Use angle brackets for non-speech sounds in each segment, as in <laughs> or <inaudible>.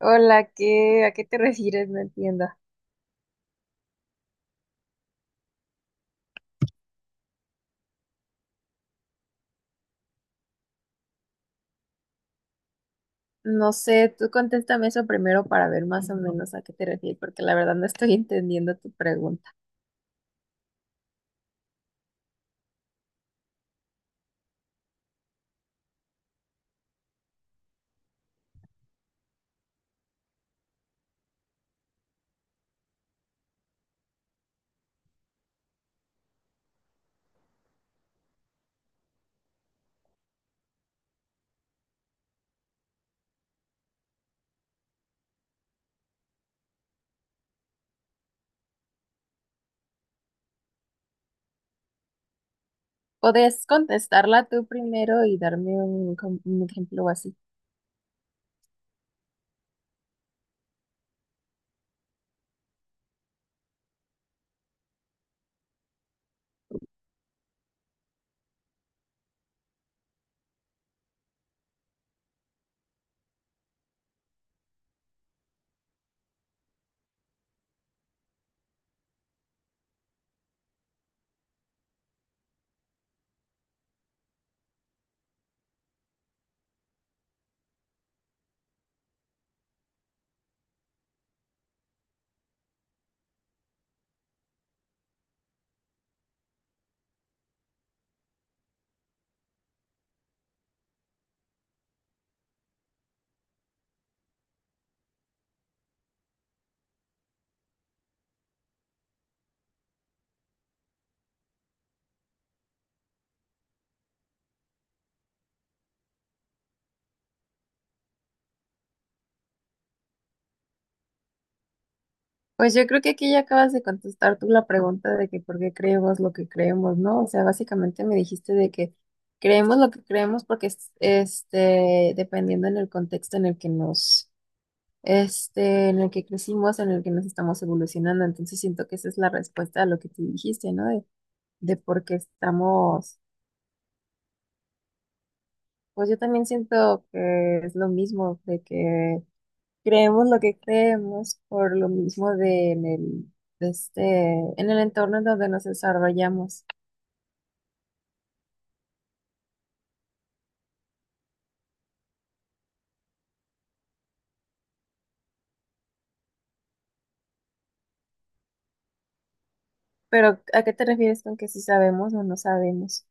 Hola, ¿qué, a qué te refieres? No entiendo. No sé, tú contéstame eso primero para ver más o menos a qué te refieres, porque la verdad no estoy <laughs> entendiendo tu pregunta. ¿Podrías contestarla tú primero y darme un ejemplo así? Pues yo creo que aquí ya acabas de contestar tú la pregunta de que por qué creemos lo que creemos, ¿no? O sea, básicamente me dijiste de que creemos lo que creemos porque dependiendo en el contexto en el que en el que crecimos, en el que nos estamos evolucionando. Entonces siento que esa es la respuesta a lo que tú dijiste, ¿no? De por qué estamos, pues yo también siento que es lo mismo, de que creemos lo que creemos por lo mismo de en el, de este, en el entorno en donde nos desarrollamos. Pero, ¿a qué te refieres con que si sabemos o no sabemos?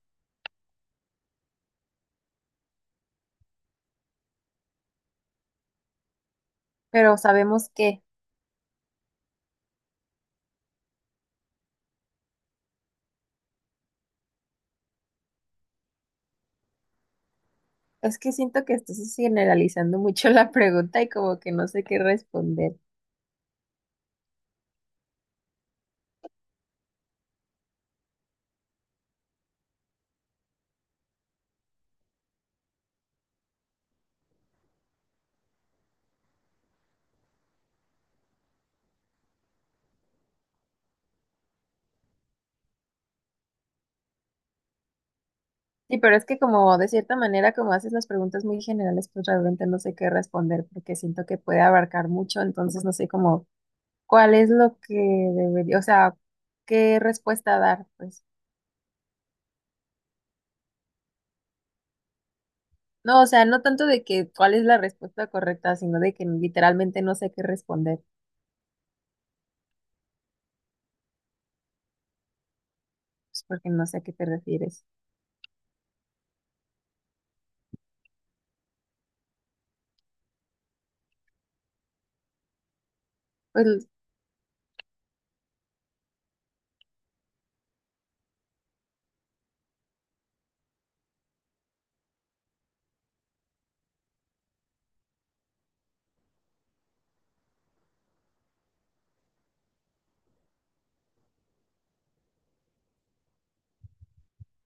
Pero sabemos qué. Es que siento que estás generalizando mucho la pregunta y como que no sé qué responder. Sí, pero es que como de cierta manera, como haces las preguntas muy generales, pues realmente no sé qué responder porque siento que puede abarcar mucho, entonces no sé cómo cuál es lo que debería, o sea, qué respuesta dar, pues. No, o sea, no tanto de que cuál es la respuesta correcta, sino de que literalmente no sé qué responder, pues porque no sé a qué te refieres. Pues,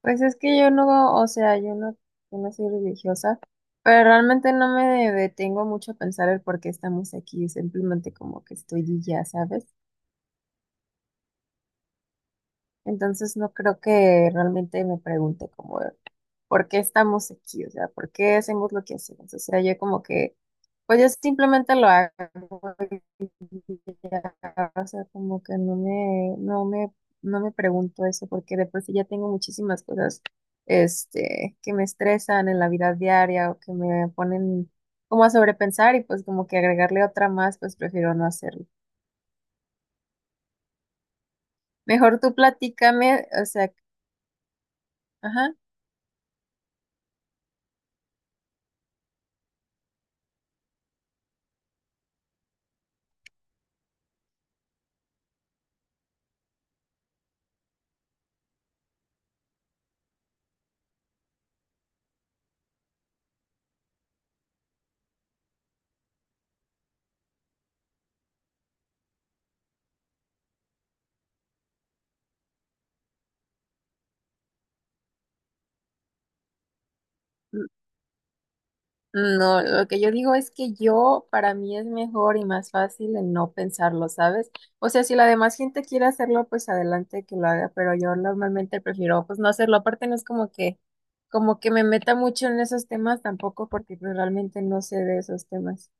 pues es que yo no, o sea, yo no soy religiosa, pero realmente no me detengo mucho a pensar el por qué estamos aquí, simplemente como que estoy y ya, ¿sabes? Entonces no creo que realmente me pregunte como por qué estamos aquí, o sea, por qué hacemos lo que hacemos. O sea, pues yo simplemente lo hago y ya, o sea, como que no me pregunto eso, porque después ya tengo muchísimas cosas, este, que me estresan en la vida diaria o que me ponen como a sobrepensar y pues como que agregarle otra más, pues prefiero no hacerlo. Mejor tú platícame, o sea, ajá. No, lo que yo digo es que yo, para mí es mejor y más fácil el no pensarlo, ¿sabes? O sea, si la demás gente quiere hacerlo, pues adelante que lo haga, pero yo normalmente prefiero pues no hacerlo. Aparte no es como que me meta mucho en esos temas tampoco, porque pues, realmente no sé de esos temas.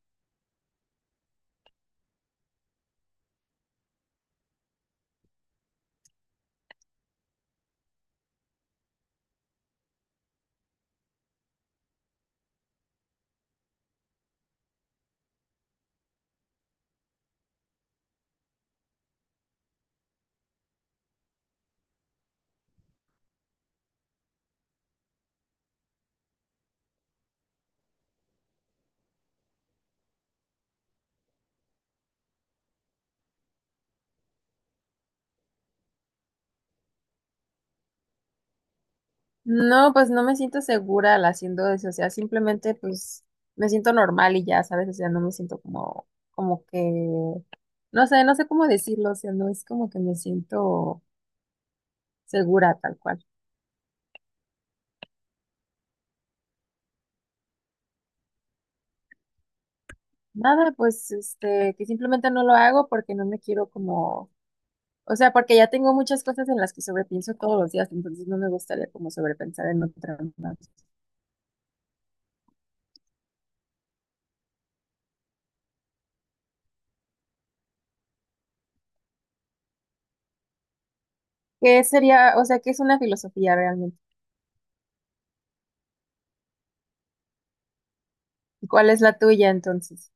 No, pues no me siento segura al haciendo eso, o sea, simplemente pues me siento normal y ya, ¿sabes? O sea, no me siento como que, no sé, no sé cómo decirlo, o sea, no es como que me siento segura tal cual. Nada, pues este, que simplemente no lo hago porque no me quiero como, o sea, porque ya tengo muchas cosas en las que sobrepienso todos los días, entonces no me gustaría como sobrepensar en otras más. ¿Qué sería, o sea, qué es una filosofía realmente? ¿Y cuál es la tuya entonces?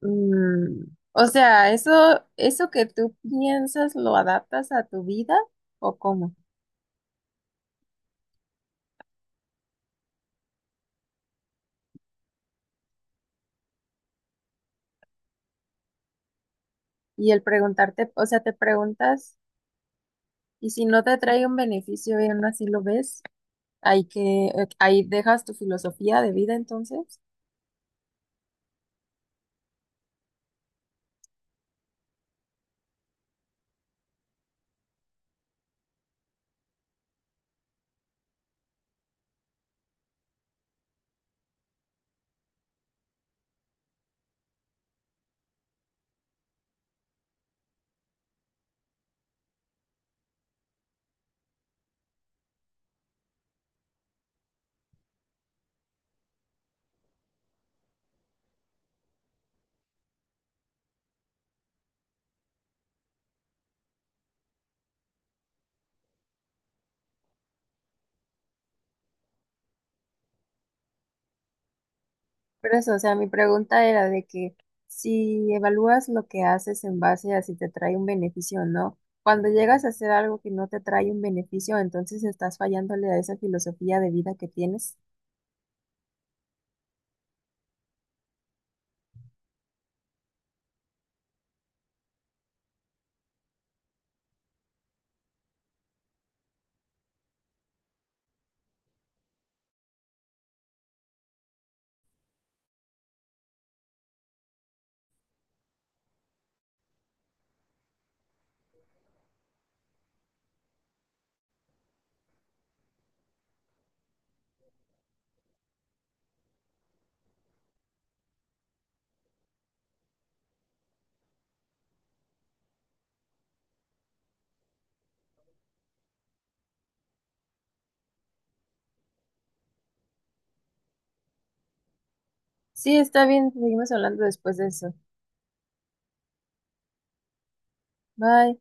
Mm, o sea, eso que tú piensas, ¿lo adaptas a tu vida o cómo? Y el preguntarte, o sea, te preguntas, y si no te trae un beneficio y aún así lo ves, ahí que, ahí dejas tu filosofía de vida entonces. Por eso, o sea, mi pregunta era de que si evalúas lo que haces en base a si te trae un beneficio o no, cuando llegas a hacer algo que no te trae un beneficio, entonces estás fallándole a esa filosofía de vida que tienes. Sí, está bien, seguimos hablando después de eso. Bye.